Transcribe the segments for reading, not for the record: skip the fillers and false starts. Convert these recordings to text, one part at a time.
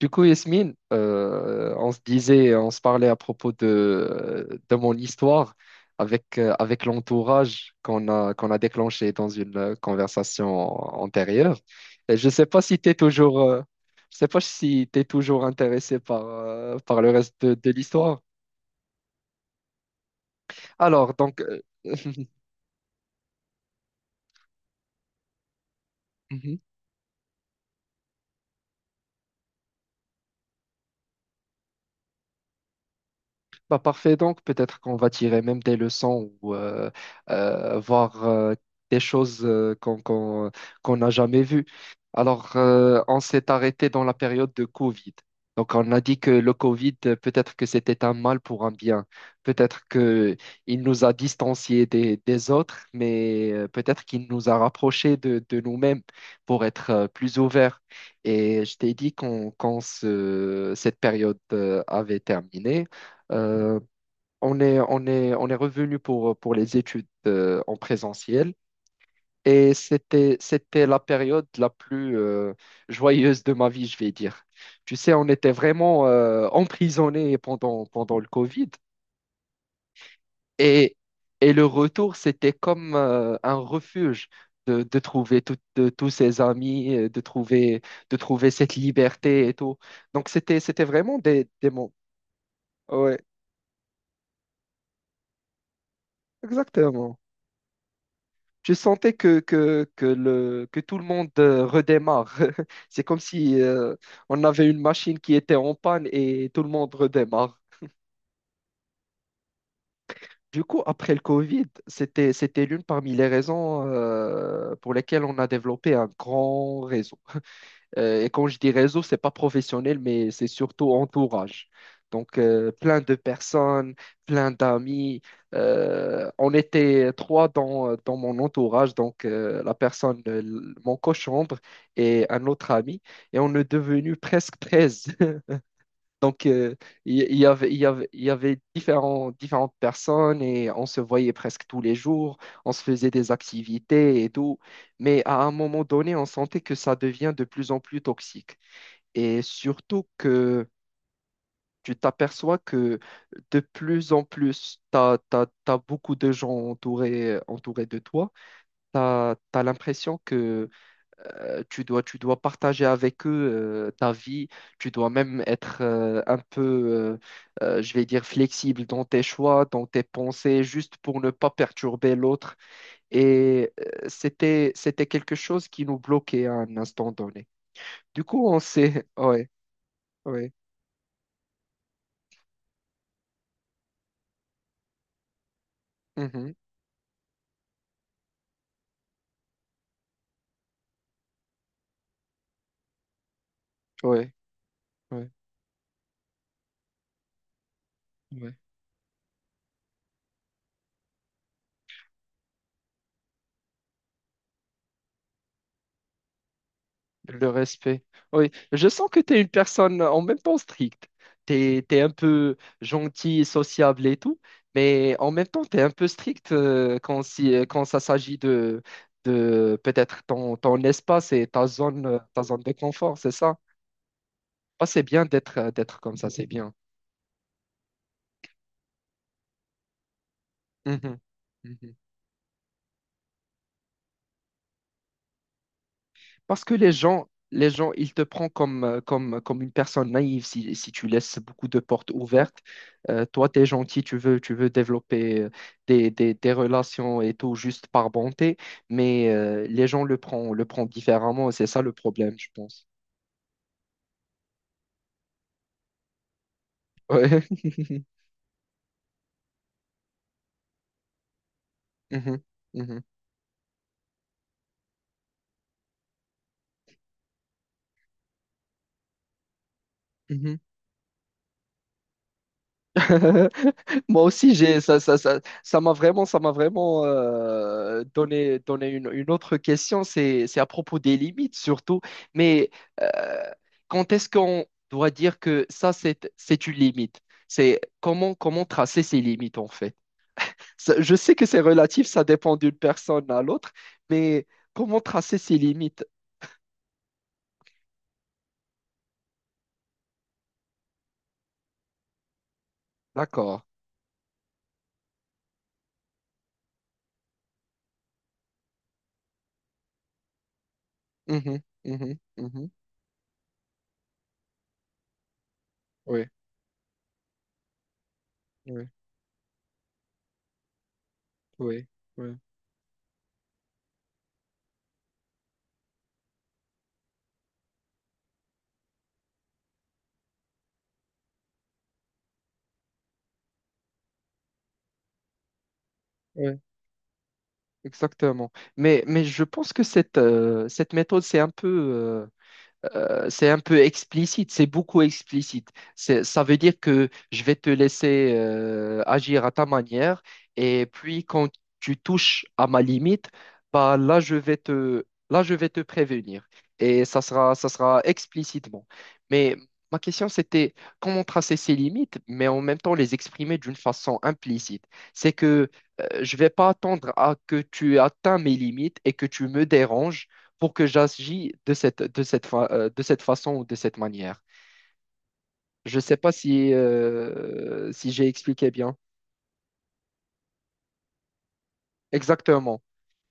Du coup, Yasmine, on se disait, on se parlait à propos de mon histoire avec, avec l'entourage qu'on a déclenché dans une conversation antérieure. Et je ne sais pas si tu es toujours, je sais pas si tu toujours intéressé par, par le reste de l'histoire. Alors, donc, euh, Bah parfait, donc peut-être qu'on va tirer même des leçons ou voir des choses qu'on n'a jamais vues. On s'est arrêté dans la période de Covid. Donc, on a dit que le Covid, peut-être que c'était un mal pour un bien. Peut-être que il nous a distanciés des autres, mais peut-être qu'il nous a rapprochés de nous-mêmes pour être plus ouverts. Et je t'ai dit quand cette période avait terminé. Euh, on est revenu pour les études en présentiel et c'était la période la plus joyeuse de ma vie, je vais dire. Tu sais, on était vraiment emprisonnés pendant, pendant le Covid et, et le retour, c'était comme un refuge. De trouver tout- de- tous ses amis, de trouver cette liberté et tout. Donc, c'était vraiment des mots. Ouais, exactement. Je sentais que tout le monde redémarre. C'est comme si on avait une machine qui était en panne et tout le monde redémarre. Du coup, après le Covid, c'était l'une parmi les raisons pour lesquelles on a développé un grand réseau. Et quand je dis réseau, c'est pas professionnel, mais c'est surtout entourage. Donc, plein de personnes, plein d'amis. On était trois dans, dans mon entourage, donc la personne, mon cochambre et un autre ami, et on est devenu presque 13. Donc, euh, il y avait différentes personnes et on se voyait presque tous les jours, on se faisait des activités et tout, mais à un moment donné, on sentait que ça devient de plus en plus toxique. Et surtout que tu t'aperçois que de plus en plus, beaucoup de gens entourés de toi. Tu as, l'impression que tu dois partager avec eux ta vie. Tu dois même être je vais dire, flexible dans tes choix, dans tes pensées, juste pour ne pas perturber l'autre. Et c'était quelque chose qui nous bloquait à un instant donné. Du coup, on s'est... Ouais, ouais. Mhm, ouais. Ouais. Ouais. Le respect. Oui, je sens que tu es une personne en même temps stricte. Tu es un peu gentil, sociable et tout, mais en même temps, tu es un peu strict quand, si, quand ça s'agit de peut-être ton espace et ta zone de confort, c'est ça? Ah, c'est bien d'être comme ça, c'est bien. Mhm. Parce que les gens, ils te prennent comme une personne naïve si, si tu laisses beaucoup de portes ouvertes. Toi, tu es gentil, tu veux développer des relations et tout juste par bonté, mais les gens le prennent différemment et c'est ça le problème, je pense. Ouais. Mhm. Mhm. Mhm. Moi aussi, j'ai ça m'a vraiment donné, donné une autre question. C'est à propos des limites surtout. Mais euh, quand est-ce qu'on doit dire que ça, c'est une limite? Comment tracer ces limites en fait? Je sais que c'est relatif, ça dépend d'une personne à l'autre, mais comment tracer ces limites? D'accord. Mhm, mhm. Oui, oui, oui, oui, oui. Exactement. Mais je pense que cette méthode, c'est un peu explicite, c'est beaucoup explicite. Ça veut dire que je vais te laisser agir à ta manière et puis quand tu touches à ma limite, bah là je vais te prévenir et ça sera explicitement. Mais ma question c'était comment tracer ces limites, mais en même temps les exprimer d'une façon implicite. C'est que je vais pas attendre à que tu atteins mes limites et que tu me déranges pour que j'agisse de cette façon ou de cette manière. Je ne sais pas si, si j'ai expliqué bien. Exactement.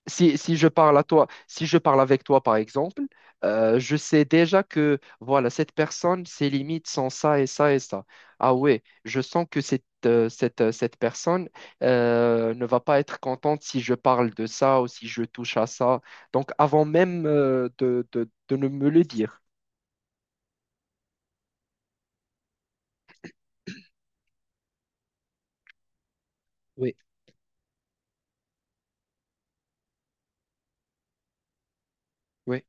Si, si je parle à toi, si je parle avec toi, par exemple, je sais déjà que, voilà, cette personne, ses limites sont ça et ça et ça. Ah ouais, je sens que cette personne ne va pas être contente si je parle de ça ou si je touche à ça. Donc, avant même de ne me le dire. Oui, oui.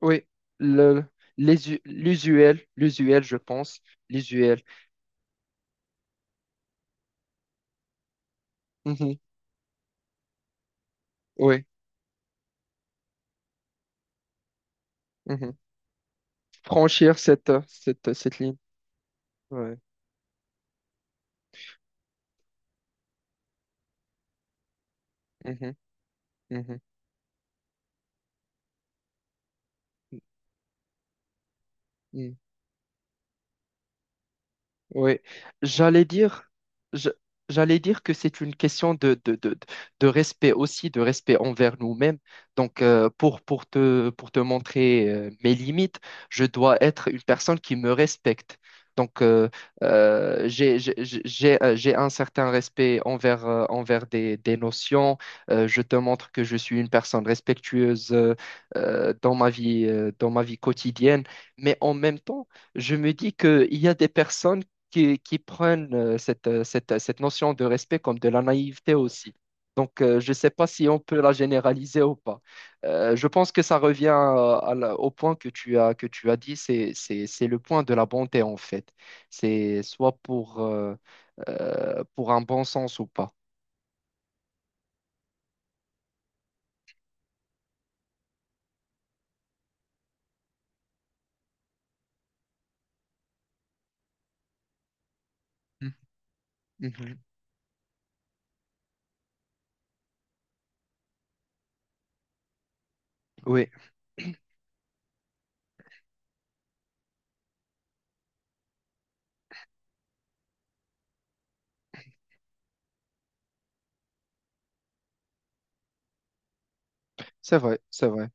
Oui, le, l'usuel, l'usuel, je pense, l'usuel. Mhm. Oui, mhm. Franchir cette ligne. Ouais. Mhm, mhm. Mhm. Oui, j'allais dire, je- j'allais dire que c'est une question de respect aussi, de respect envers nous-mêmes. Donc, pour te montrer mes limites, je dois être une personne qui me respecte. Donc, j'ai un certain respect envers, envers des notions. Je te montre que je suis une personne respectueuse dans ma vie quotidienne. Mais en même temps, je me dis qu'il y a des personnes qui prennent cette notion de respect comme de la naïveté aussi. Donc, je ne sais pas si on peut la généraliser ou pas. Je pense que ça revient au point que tu as dit, c'est le point de la bonté en fait. C'est soit pour un bon sens ou pas. Mhm, mhm. Oui, c'est vrai, c'est vrai.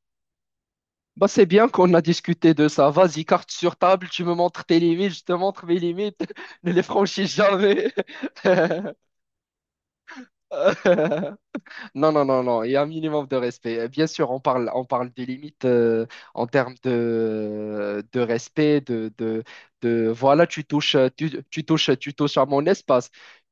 Bah, c'est bien qu'on a discuté de ça. Vas-y, carte sur table, tu me montres tes limites, je te montre mes limites. Ne les franchis jamais. Non, non, non, non, il y a un minimum de respect. Bien sûr, on parle des limites en termes de respect, voilà, tu touches à mon espace.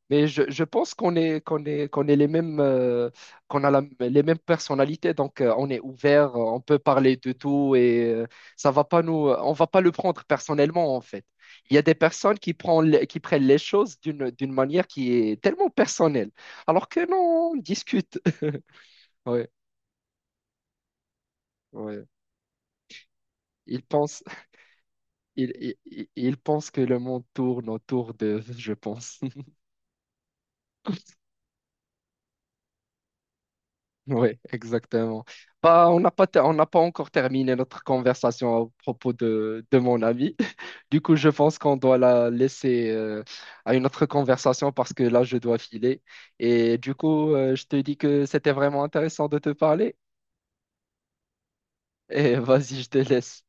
Mais je pense qu'on est les mêmes, les mêmes personnalités, donc on est ouvert, on peut parler de tout et ça va pas nous, on va pas le prendre personnellement en fait. Il y a des personnes qui prennent les choses d'une, d'une manière qui est tellement personnelle. Alors que non, on discute. Ouais, ouais. Il pense, il pense que le monde tourne autour de, je pense. Ouais, exactement. Bah, on n'a pas, ter- on n'a pas encore terminé notre conversation à propos de mon ami. Du coup, je pense qu'on doit la laisser à une autre conversation parce que là, je dois filer. Et du coup, je te dis que c'était vraiment intéressant de te parler. Et vas-y, je te laisse.